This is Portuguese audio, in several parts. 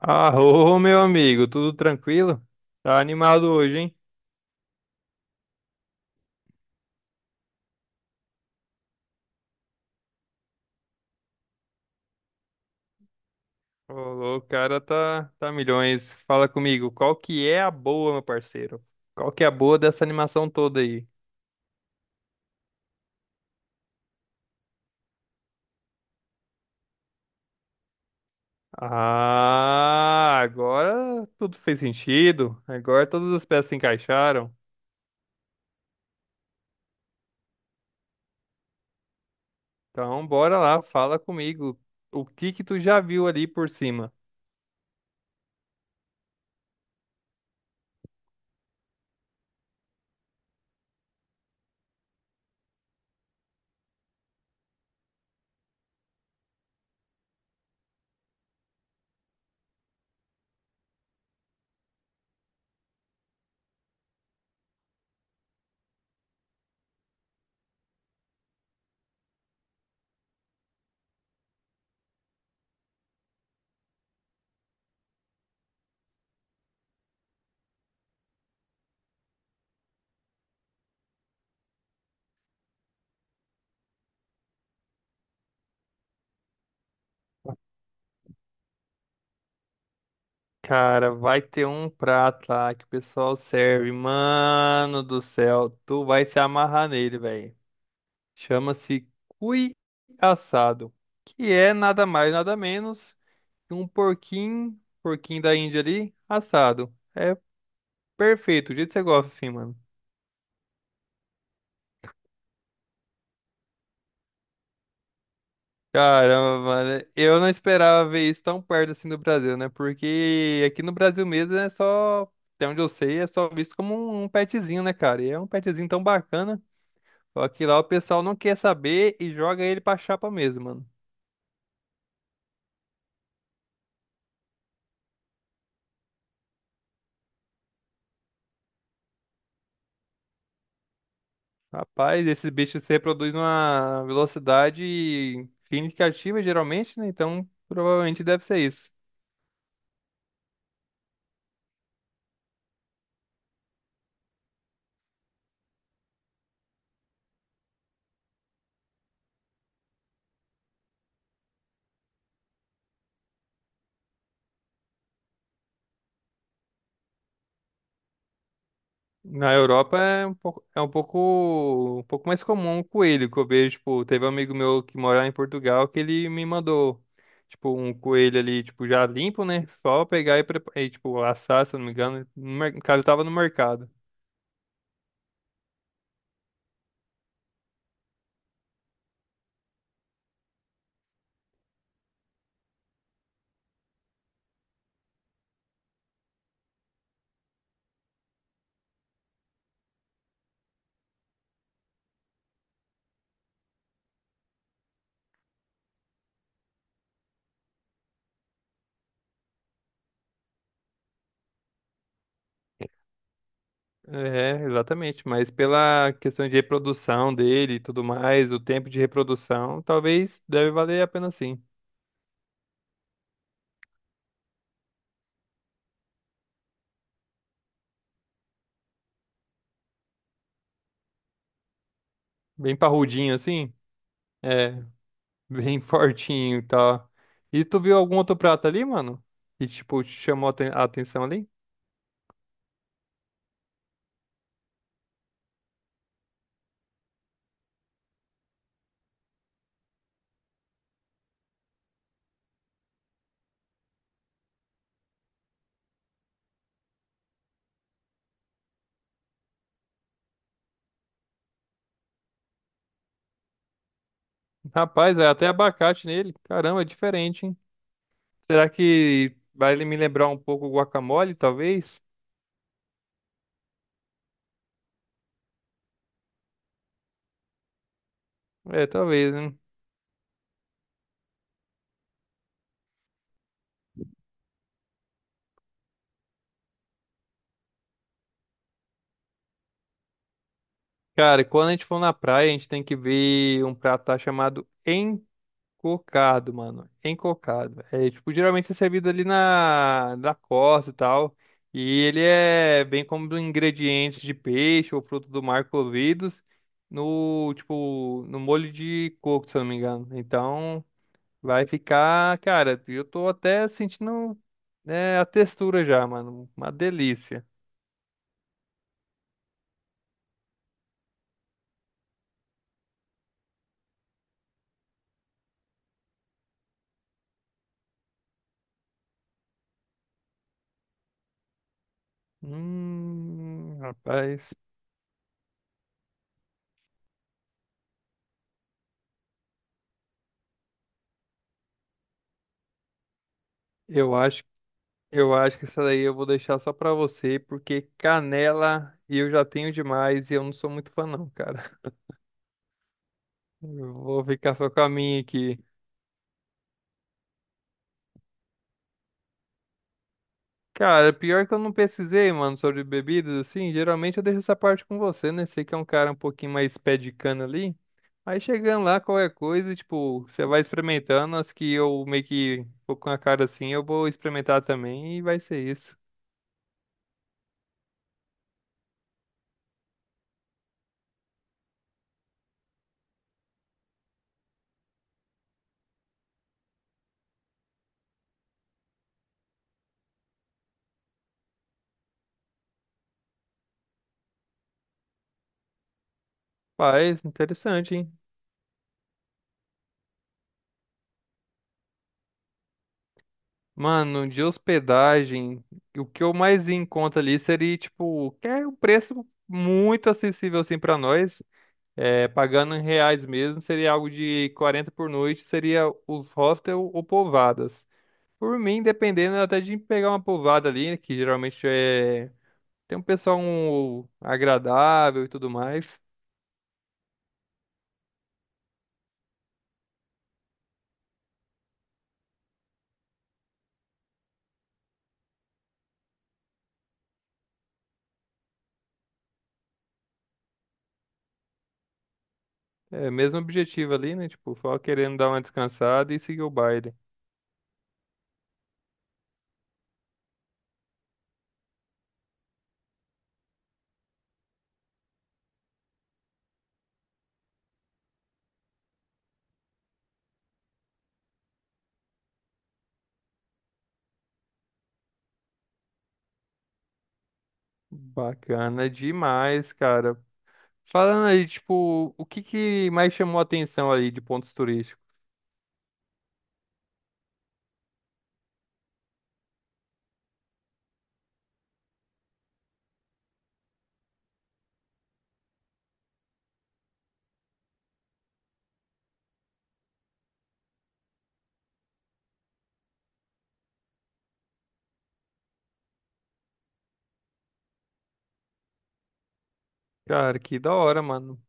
Arô, meu amigo, tudo tranquilo? Tá animado hoje, hein? Ô, louco, o cara tá milhões. Fala comigo, qual que é a boa, meu parceiro? Qual que é a boa dessa animação toda aí? Ah, agora tudo fez sentido. Agora todas as peças se encaixaram. Então, bora lá, fala comigo. O que que tu já viu ali por cima? Cara, vai ter um prato lá que o pessoal serve. Mano do céu, tu vai se amarrar nele, velho. Chama-se cui assado, que é nada mais, nada menos que um porquinho, porquinho da Índia ali, assado. É perfeito, do jeito que você gosta, assim, mano. Caramba, mano, eu não esperava ver isso tão perto assim do Brasil, né? Porque aqui no Brasil mesmo é só, até onde eu sei, é só visto como um petzinho, né, cara? E é um petzinho tão bacana. Só que lá o pessoal não quer saber e joga ele pra chapa mesmo, mano. Rapaz, esses bichos se reproduzem numa velocidade significativa, geralmente, né? Então, provavelmente deve ser isso. Na Europa um pouco mais comum o coelho que eu vejo. Tipo, teve um amigo meu que mora em Portugal que ele me mandou, tipo, um coelho ali, tipo, já limpo, né? Só pegar e, tipo, assar, se eu não me engano. No mer- O Cara, tava no mercado. É, exatamente. Mas pela questão de reprodução dele e tudo mais, o tempo de reprodução, talvez deve valer a pena sim. Bem parrudinho assim? É, bem fortinho e tal. E tu viu algum outro prato ali, mano? Que, tipo, te chamou a atenção ali? Rapaz, é até abacate nele. Caramba, é diferente, hein? Será que vai ele me lembrar um pouco o guacamole, talvez? É, talvez, né? Cara, quando a gente for na praia, a gente tem que ver um prato lá chamado Cocado, mano. Encocado. É, tipo, geralmente é servido ali na costa e tal. E ele é bem como ingredientes de peixe ou fruto do mar cozidos no, tipo, no molho de coco, se eu não me engano. Então, vai ficar, cara, eu tô até sentindo, né, a textura já, mano. Uma delícia. Rapaz. Eu acho Eu acho que essa daí eu vou deixar só pra você, porque canela eu já tenho demais e eu não sou muito fã não, cara. Eu vou ficar só com a minha aqui. Cara, pior que eu não pesquisei, mano, sobre bebidas, assim, geralmente eu deixo essa parte com você, né? Sei que é um cara um pouquinho mais pé de cana ali. Aí chegando lá, qualquer coisa, tipo, você vai experimentando, as que eu meio que vou com a cara assim, eu vou experimentar também e vai ser isso. Paz, interessante, hein? Mano, de hospedagem, o que eu mais vi em conta ali seria, tipo, que é um preço muito acessível, assim, pra nós. É, pagando em reais mesmo, seria algo de 40 por noite, seria os hostel ou pousadas. Por mim, dependendo até de pegar uma pousada ali, que geralmente é... tem um pessoal um, agradável e tudo mais. É, mesmo objetivo ali, né? Tipo, só querendo dar uma descansada e seguir o baile. Bacana demais, cara. Falando aí, tipo, o que que mais chamou a atenção ali de pontos turísticos? Cara, que da hora, mano.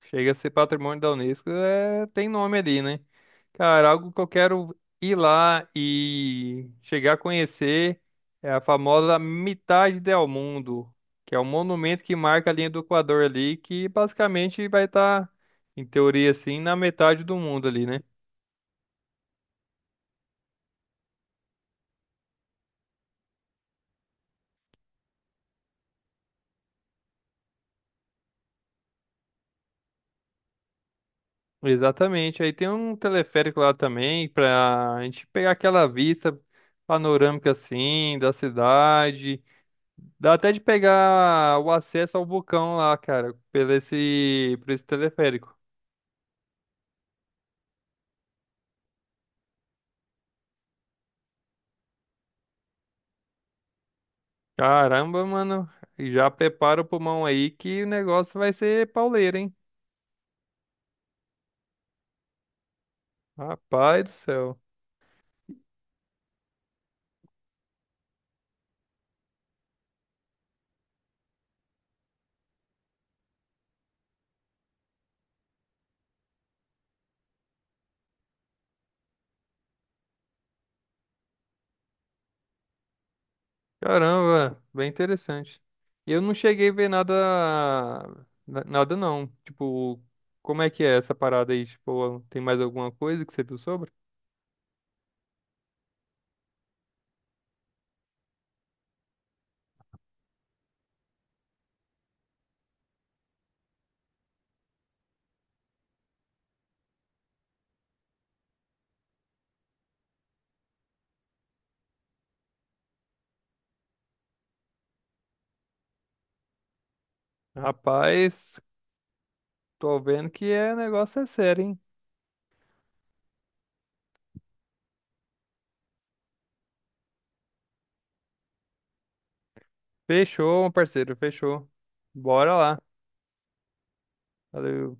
Chega a ser patrimônio da Unesco, é... tem nome ali, né? Cara, algo que eu quero ir lá e chegar a conhecer é a famosa Mitad del Mundo, que é um monumento que marca a linha do Equador ali, que basicamente vai estar, em teoria, assim, na metade do mundo ali, né? Exatamente. Aí tem um teleférico lá também pra gente pegar aquela vista panorâmica assim da cidade. Dá até de pegar o acesso ao vulcão lá, cara, pelo esse, por esse teleférico. Caramba, mano. Já prepara o pulmão aí que o negócio vai ser pauleira, hein? Rapaz do céu. Caramba, bem interessante. E eu não cheguei a ver nada, nada não. Tipo, como é que é essa parada aí? Tipo, tem mais alguma coisa que você viu sobre? Rapaz, tô vendo que é negócio é sério, hein? Fechou, meu parceiro, fechou. Bora lá. Valeu.